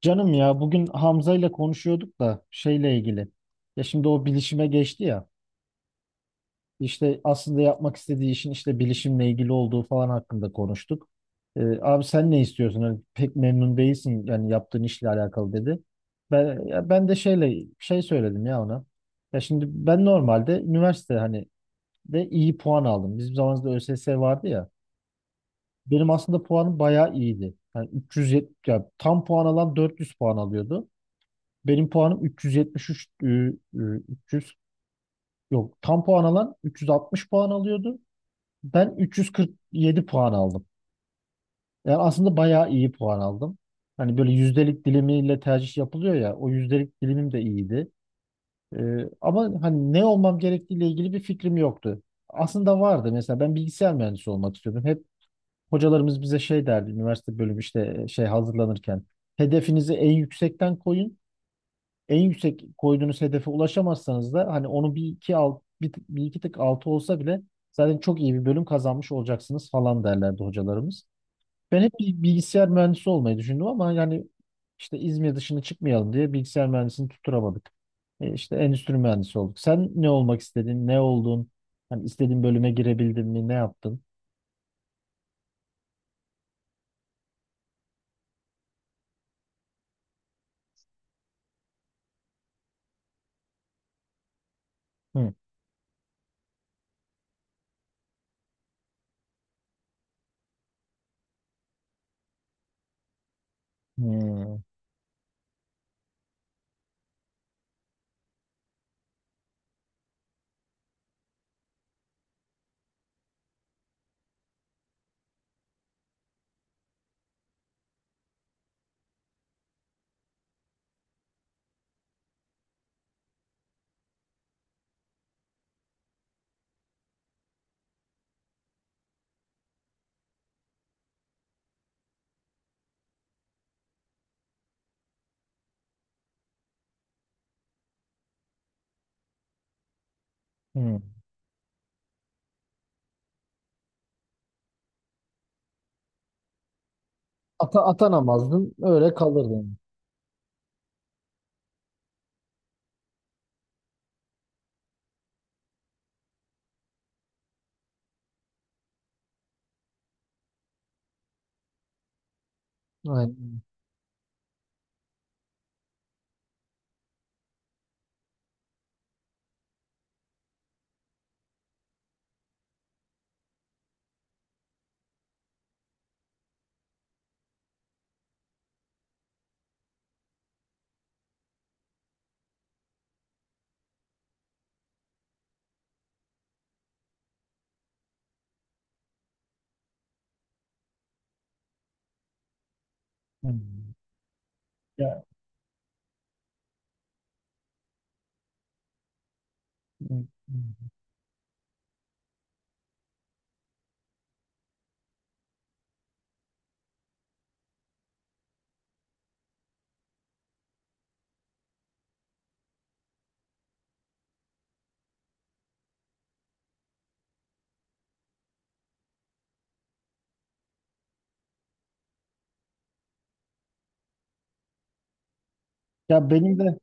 Canım ya bugün Hamza ile konuşuyorduk da şeyle ilgili. Ya şimdi o bilişime geçti ya. İşte aslında yapmak istediği işin işte bilişimle ilgili olduğu falan hakkında konuştuk. Abi sen ne istiyorsun? Hani pek memnun değilsin yani yaptığın işle alakalı dedi. Ben ya ben de şeyle şey söyledim ya ona. Ya şimdi ben normalde üniversite hani de iyi puan aldım. Bizim zamanımızda ÖSS vardı ya. Benim aslında puanım bayağı iyiydi. Yani 370 ya tam puan alan 400 puan alıyordu. Benim puanım 373 300 yok tam puan alan 360 puan alıyordu. Ben 347 puan aldım. Yani aslında bayağı iyi puan aldım. Hani böyle yüzdelik dilimiyle tercih yapılıyor ya o yüzdelik dilimim de iyiydi. E, Ama hani ne olmam gerektiğiyle ilgili bir fikrim yoktu. Aslında vardı, mesela ben bilgisayar mühendisi olmak istiyordum. Hep hocalarımız bize şey derdi, üniversite bölümü işte şey hazırlanırken hedefinizi en yüksekten koyun, en yüksek koyduğunuz hedefe ulaşamazsanız da hani onu bir iki alt, bir iki tık altı olsa bile zaten çok iyi bir bölüm kazanmış olacaksınız falan derlerdi hocalarımız. Ben hep bir bilgisayar mühendisi olmayı düşündüm ama yani işte İzmir dışına çıkmayalım diye bilgisayar mühendisini tutturamadık. İşte endüstri mühendisi olduk. Sen ne olmak istedin? Ne oldun? Hani istediğin bölüme girebildin mi? Ne yaptın? Hı. Hı. Hı. Atanamazdın, öyle kalırdın. Aynen. Hı. Ya, hı. Ya benim de.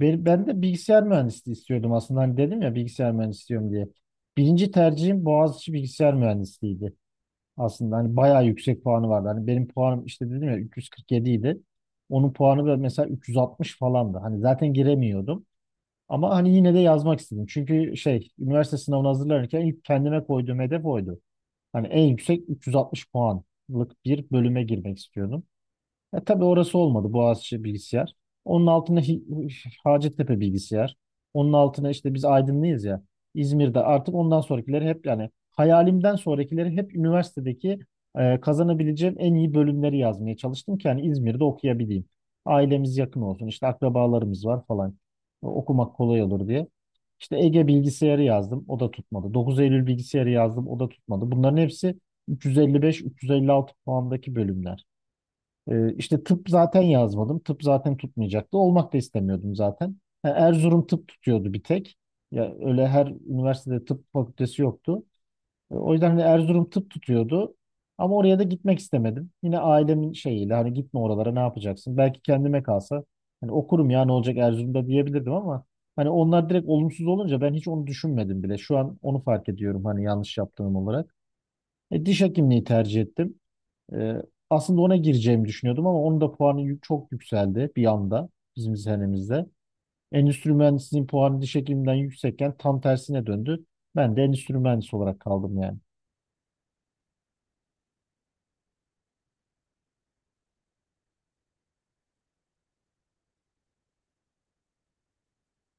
Ben de bilgisayar mühendisliği istiyordum aslında. Hani dedim ya bilgisayar mühendisi istiyorum diye. Birinci tercihim Boğaziçi bilgisayar mühendisliğiydi. Aslında hani bayağı yüksek puanı vardı. Hani benim puanım, işte dedim ya, 347 idi. Onun puanı da mesela 360 falandı. Hani zaten giremiyordum. Ama hani yine de yazmak istedim. Çünkü şey, üniversite sınavına hazırlanırken ilk kendime koyduğum hedef oydu. Hani en yüksek 360 puanlık bir bölüme girmek istiyordum. Ya tabii orası olmadı. Boğaziçi bilgisayar. Onun altına Hacettepe bilgisayar. Onun altına işte biz Aydınlıyız ya. İzmir'de artık ondan sonrakileri hep, yani hayalimden sonrakileri hep üniversitedeki kazanabileceğim en iyi bölümleri yazmaya çalıştım ki yani İzmir'de okuyabileyim. Ailemiz yakın olsun, işte akrabalarımız var falan. Okumak kolay olur diye. İşte Ege bilgisayarı yazdım. O da tutmadı. 9 Eylül bilgisayarı yazdım. O da tutmadı. Bunların hepsi 355-356 puandaki bölümler. İşte tıp zaten yazmadım. Tıp zaten tutmayacaktı. Olmak da istemiyordum zaten. Ha, Erzurum tıp tutuyordu bir tek. Ya öyle her üniversitede tıp fakültesi yoktu. O yüzden hani Erzurum tıp tutuyordu. Ama oraya da gitmek istemedim. Yine ailemin şeyiyle, hani gitme oralara, ne yapacaksın? Belki kendime kalsa hani okurum, ya ne olacak Erzurum'da diyebilirdim ama hani onlar direkt olumsuz olunca ben hiç onu düşünmedim bile. Şu an onu fark ediyorum, hani yanlış yaptığım olarak. Diş hekimliği tercih ettim. Ee, Aslında ona gireceğimi düşünüyordum ama onun da puanı çok yükseldi bir anda bizim senemizde. Endüstri mühendisliğinin puanı diş hekimliğinden yüksekken tam tersine döndü. Ben de endüstri mühendisi olarak kaldım yani.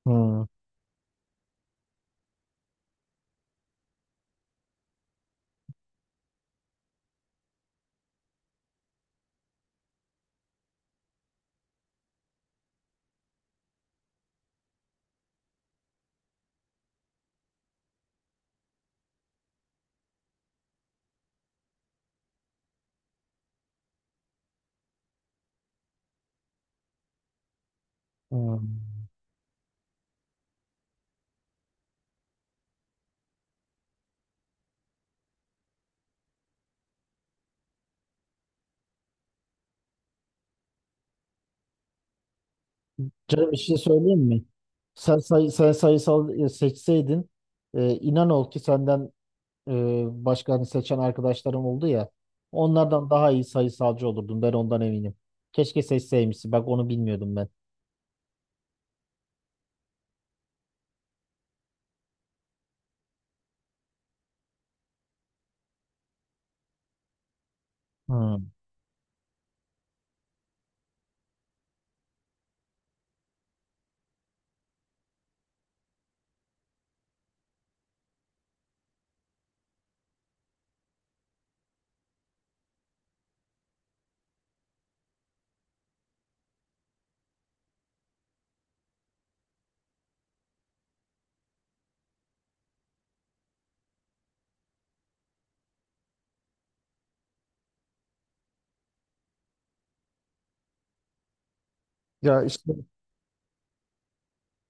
Hmm, hmm. Canım bir şey söyleyeyim mi? Sen sayısal seçseydin, inan ol ki senden e, başka hani seçen arkadaşlarım oldu ya, onlardan daha iyi sayısalcı olurdun, ben ondan eminim. Keşke seçseymişsin, bak onu bilmiyordum ben. Hmm. Ya işte.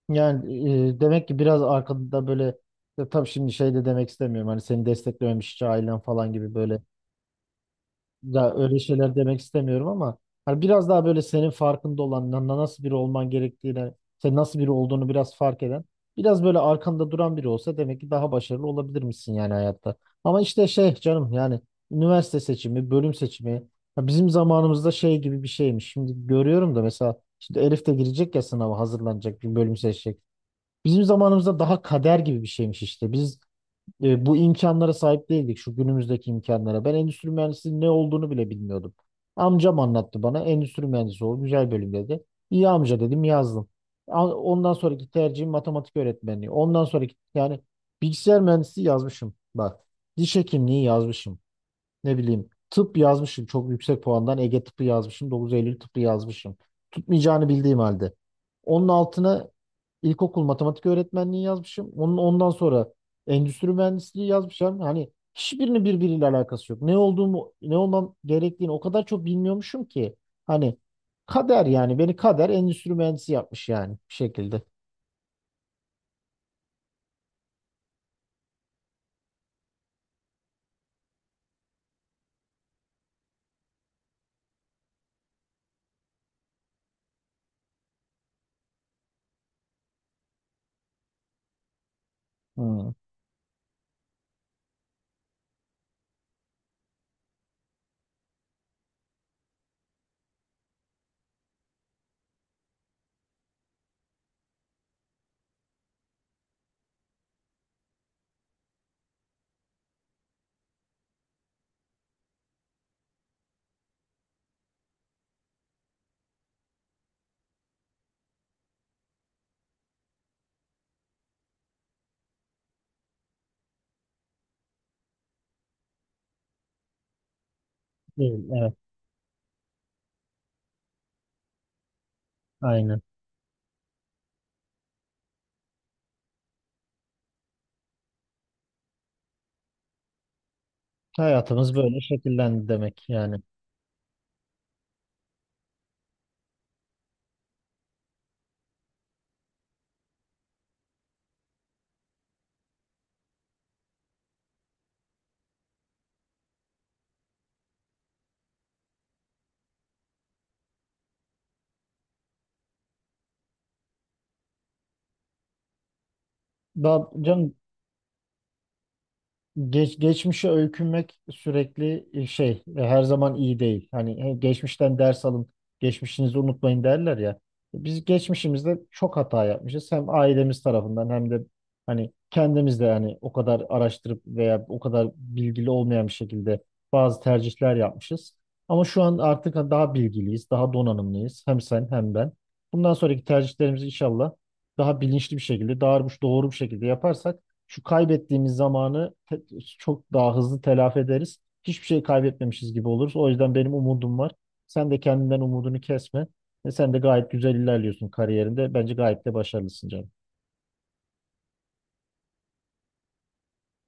Yani demek ki biraz arkada böyle, ya tabii şimdi şey de demek istemiyorum. Hani seni desteklememiş hiç ailen falan gibi böyle, ya öyle şeyler demek istemiyorum ama hani biraz daha böyle senin farkında olan nasıl biri olman gerektiğine, sen nasıl biri olduğunu biraz fark eden, biraz böyle arkanda duran biri olsa demek ki daha başarılı olabilir misin yani hayatta. Ama işte şey canım, yani üniversite seçimi, bölüm seçimi, ya bizim zamanımızda şey gibi bir şeymiş. Şimdi görüyorum da, mesela şimdi Elif de girecek ya, sınava hazırlanacak, bir bölüm seçecek. Bizim zamanımızda daha kader gibi bir şeymiş işte. Biz bu imkanlara sahip değildik, şu günümüzdeki imkanlara. Ben endüstri mühendisliğinin ne olduğunu bile bilmiyordum. Amcam anlattı bana, endüstri mühendisi ol güzel bölüm dedi. İyi amca dedim, yazdım. Ondan sonraki tercihim matematik öğretmenliği. Ondan sonraki, yani bilgisayar mühendisi yazmışım. Bak, diş hekimliği yazmışım, ne bileyim tıp yazmışım, çok yüksek puandan Ege tıpı yazmışım, 9 Eylül tıpı yazmışım. Tutmayacağını bildiğim halde. Onun altına ilkokul matematik öğretmenliği yazmışım. Ondan sonra endüstri mühendisliği yazmışım. Hani hiçbirinin birbiriyle alakası yok. Ne olduğumu, ne olmam gerektiğini o kadar çok bilmiyormuşum ki. Hani kader, yani beni kader endüstri mühendisi yapmış yani bir şekilde. Hmm. Evet, evet, aynen. Hayatımız böyle şekillendi demek yani. Daha, Geçmişe öykünmek sürekli her zaman iyi değil. Hani geçmişten ders alın, geçmişinizi unutmayın derler ya. Biz geçmişimizde çok hata yapmışız. Hem ailemiz tarafından hem de hani kendimiz de, yani o kadar araştırıp veya o kadar bilgili olmayan bir şekilde bazı tercihler yapmışız. Ama şu an artık daha bilgiliyiz, daha donanımlıyız. Hem sen hem ben. Bundan sonraki tercihlerimizi inşallah daha bilinçli bir şekilde, daha doğru bir şekilde yaparsak şu kaybettiğimiz zamanı çok daha hızlı telafi ederiz. Hiçbir şey kaybetmemişiz gibi oluruz. O yüzden benim umudum var. Sen de kendinden umudunu kesme. Ve sen de gayet güzel ilerliyorsun kariyerinde. Bence gayet de başarılısın canım.